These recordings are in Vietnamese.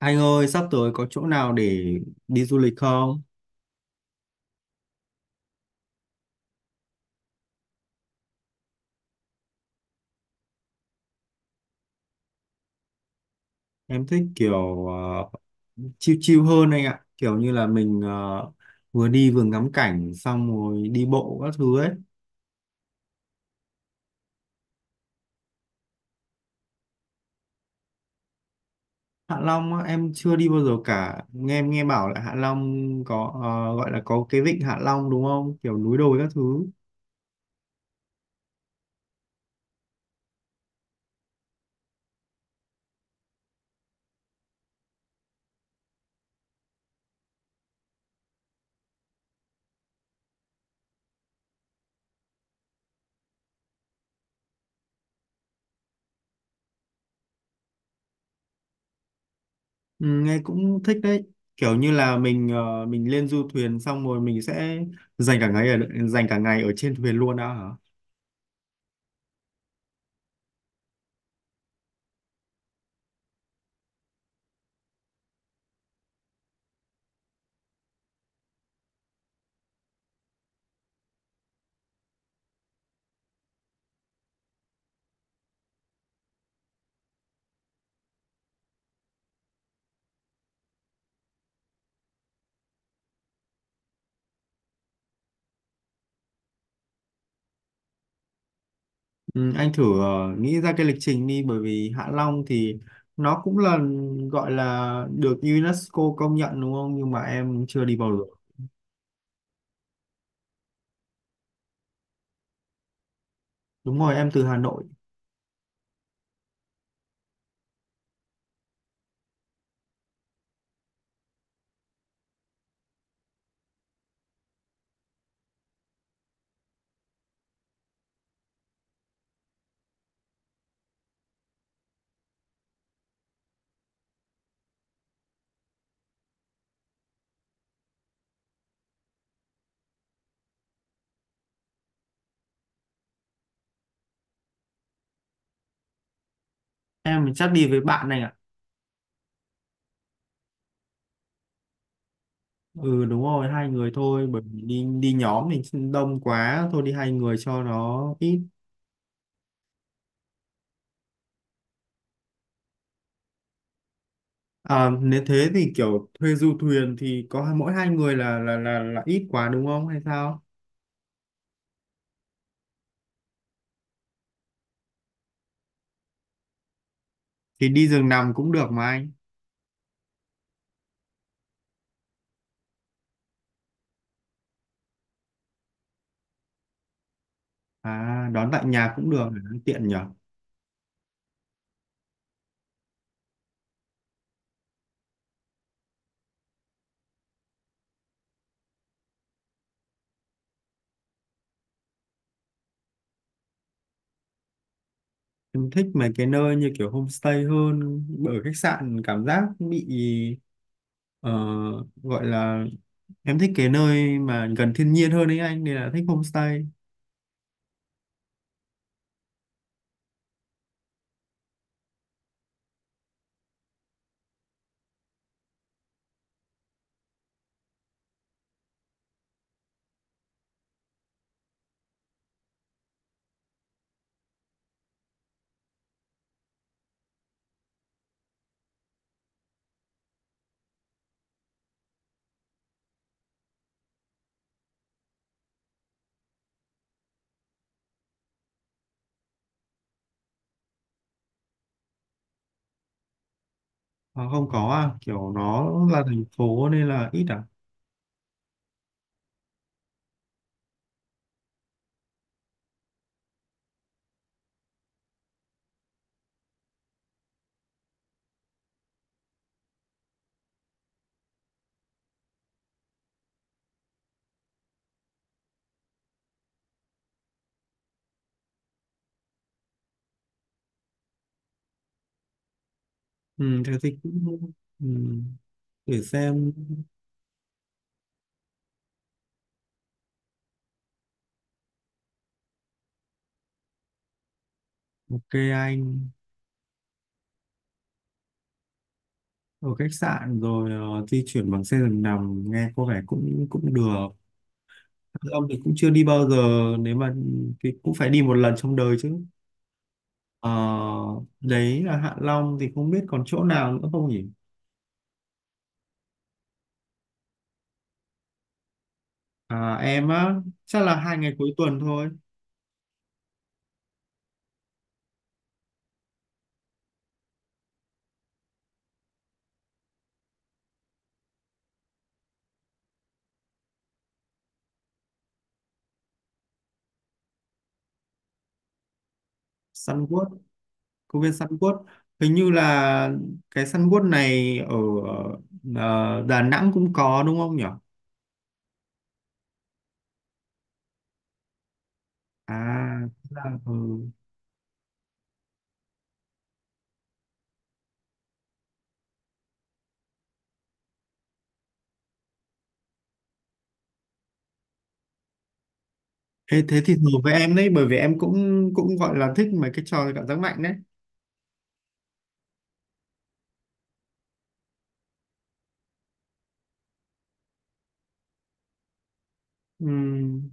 Anh ơi, sắp tới có chỗ nào để đi du lịch không? Em thích kiểu chill chill hơn anh ạ. Kiểu như là mình vừa đi vừa ngắm cảnh xong rồi đi bộ các thứ ấy. Hạ Long á, em chưa đi bao giờ cả. Em nghe bảo là Hạ Long có gọi là có cái vịnh Hạ Long đúng không? Kiểu núi đồi các thứ. Ừ, nghe cũng thích đấy. Kiểu như là mình lên du thuyền xong rồi mình sẽ dành cả ngày ở dành cả ngày ở trên thuyền luôn đã hả? Ừ, anh thử nghĩ ra cái lịch trình đi, bởi vì Hạ Long thì nó cũng là gọi là được UNESCO công nhận đúng không, nhưng mà em chưa đi bao giờ. Đúng rồi, em từ Hà Nội. Em chắc đi với bạn này ạ. Ừ, đúng rồi, hai người thôi, bởi vì đi đi nhóm mình đông quá, thôi đi hai người cho nó ít. À, nếu thế thì kiểu thuê du thuyền thì có mỗi hai người là ít quá đúng không hay sao? Thì đi giường nằm cũng được mà anh. À, đón tại nhà cũng được, tiện nhỉ. Em thích mấy cái nơi như kiểu homestay hơn, ở khách sạn cảm giác bị ờ, gọi là, em thích cái nơi mà gần thiên nhiên hơn ấy anh, nên là thích homestay. À, không có à? Kiểu nó là thành phố nên là ít à. Ừ, thế thì cũng, ừ, để xem. OK anh. Ở khách sạn rồi, di chuyển bằng xe giường nằm nghe có vẻ cũng cũng được. Ông thì cũng chưa đi bao giờ, nếu mà thì cũng phải đi một lần trong đời chứ. Ờ, đấy là Hạ Long, thì không biết còn chỗ nào nữa không nhỉ? À, em á, chắc là hai ngày cuối tuần thôi. Sun World, công viên Sun World. Hình như là cái Sun World này ở Đà Nẵng cũng có đúng không nhỉ? À, thế là, ừ. Thế, thế thì hợp với em đấy, bởi vì em cũng cũng gọi là thích mấy cái trò cảm giác mạnh đấy. Ừm,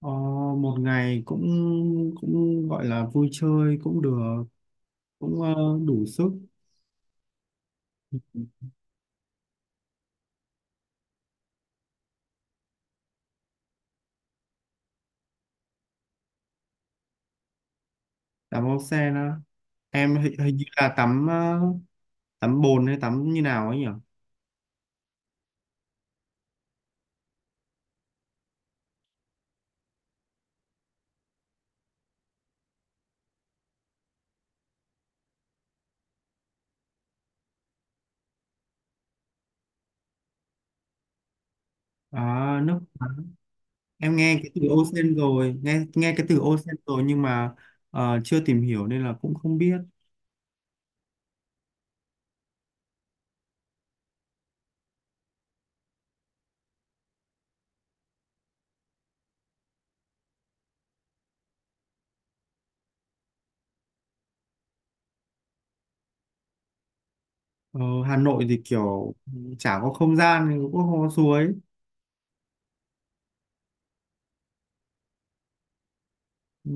ờ, một ngày cũng cũng gọi là vui chơi cũng được, cũng đủ sức. Tắm ốc sen á? Em hình như là tắm, tắm bồn hay tắm như nào ấy nhỉ. À, nước khoáng. Em nghe cái từ ocean rồi, nghe nghe cái từ ocean rồi, nhưng mà chưa tìm hiểu nên là cũng không biết. Ờ, Hà Nội thì kiểu chả có không gian, thì cũng có hồ suối. Ừ,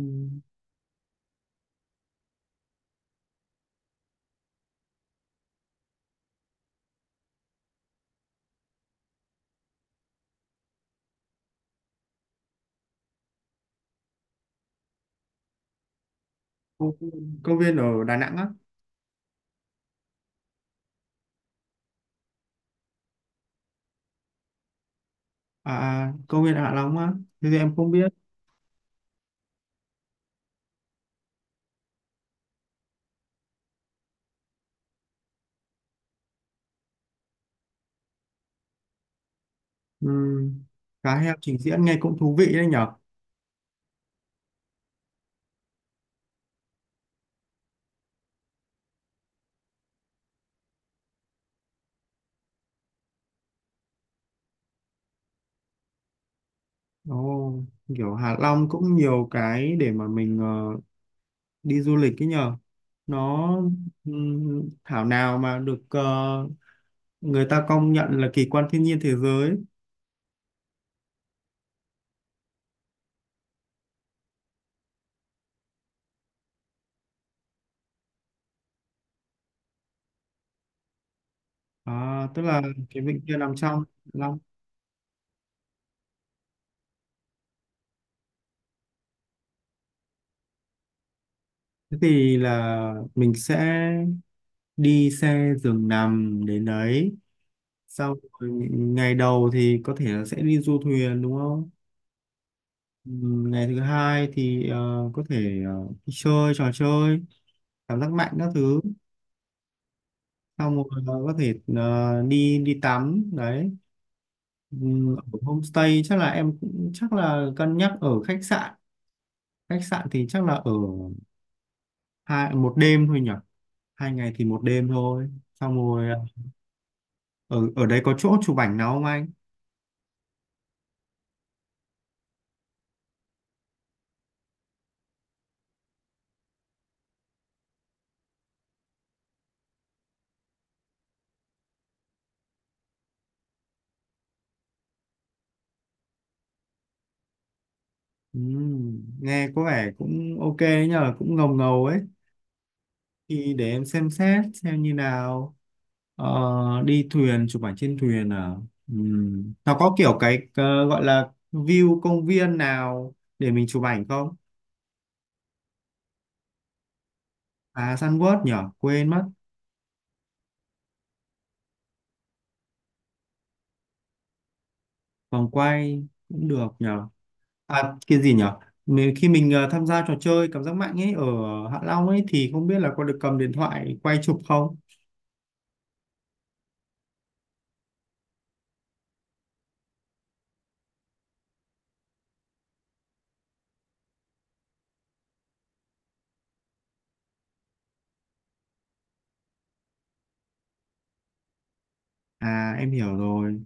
công viên ở Đà Nẵng á? À, à, công viên Hạ Long á? Thế thì em không biết. Ừ. Cá heo trình diễn nghe cũng thú vị đấy nhở. Ồ, kiểu Hạ Long cũng nhiều cái để mà mình đi du lịch ấy nhờ. Nó, thảo nào mà được, người ta công nhận là kỳ quan thiên nhiên thế giới. À, tức là cái vịnh kia nằm trong Long. Thế thì là mình sẽ đi xe giường nằm đến đấy, sau rồi ngày đầu thì có thể là sẽ đi du thuyền đúng không? Ngày thứ hai thì có thể đi chơi trò chơi cảm giác mạnh các thứ, xong rồi có thể đi đi tắm đấy. Ừ, ở homestay, chắc là em cũng chắc là cân nhắc ở khách sạn. Khách sạn thì chắc là ở hai một đêm thôi nhỉ, hai ngày thì một đêm thôi, xong rồi ở ở đấy có chỗ chụp ảnh nào không anh? Ừ, nghe có vẻ cũng OK đấy nhờ, cũng ngầu ngầu ấy, thì để em xem xét xem như nào. Ờ, đi thuyền, chụp ảnh trên thuyền à? Ừ. Nó có kiểu cái, gọi là view công viên nào để mình chụp ảnh không? À, Sunward nhỉ, quên mất. Vòng quay cũng được nhờ. À, cái gì nhở? Khi mình tham gia trò chơi cảm giác mạnh ấy ở Hạ Long ấy, thì không biết là có được cầm điện thoại quay chụp không? À, em hiểu rồi.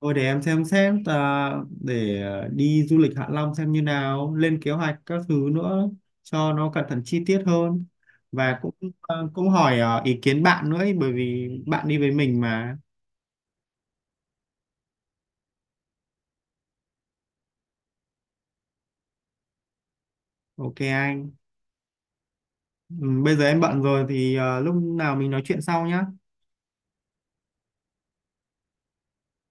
Thôi để em xem, à, để đi du lịch Hạ Long xem như nào, lên kế hoạch các thứ nữa cho nó cẩn thận chi tiết hơn, và cũng cũng hỏi ý kiến bạn nữa ấy, bởi vì bạn đi với mình mà. OK anh. Ừ, bây giờ em bận rồi thì lúc nào mình nói chuyện sau nhá.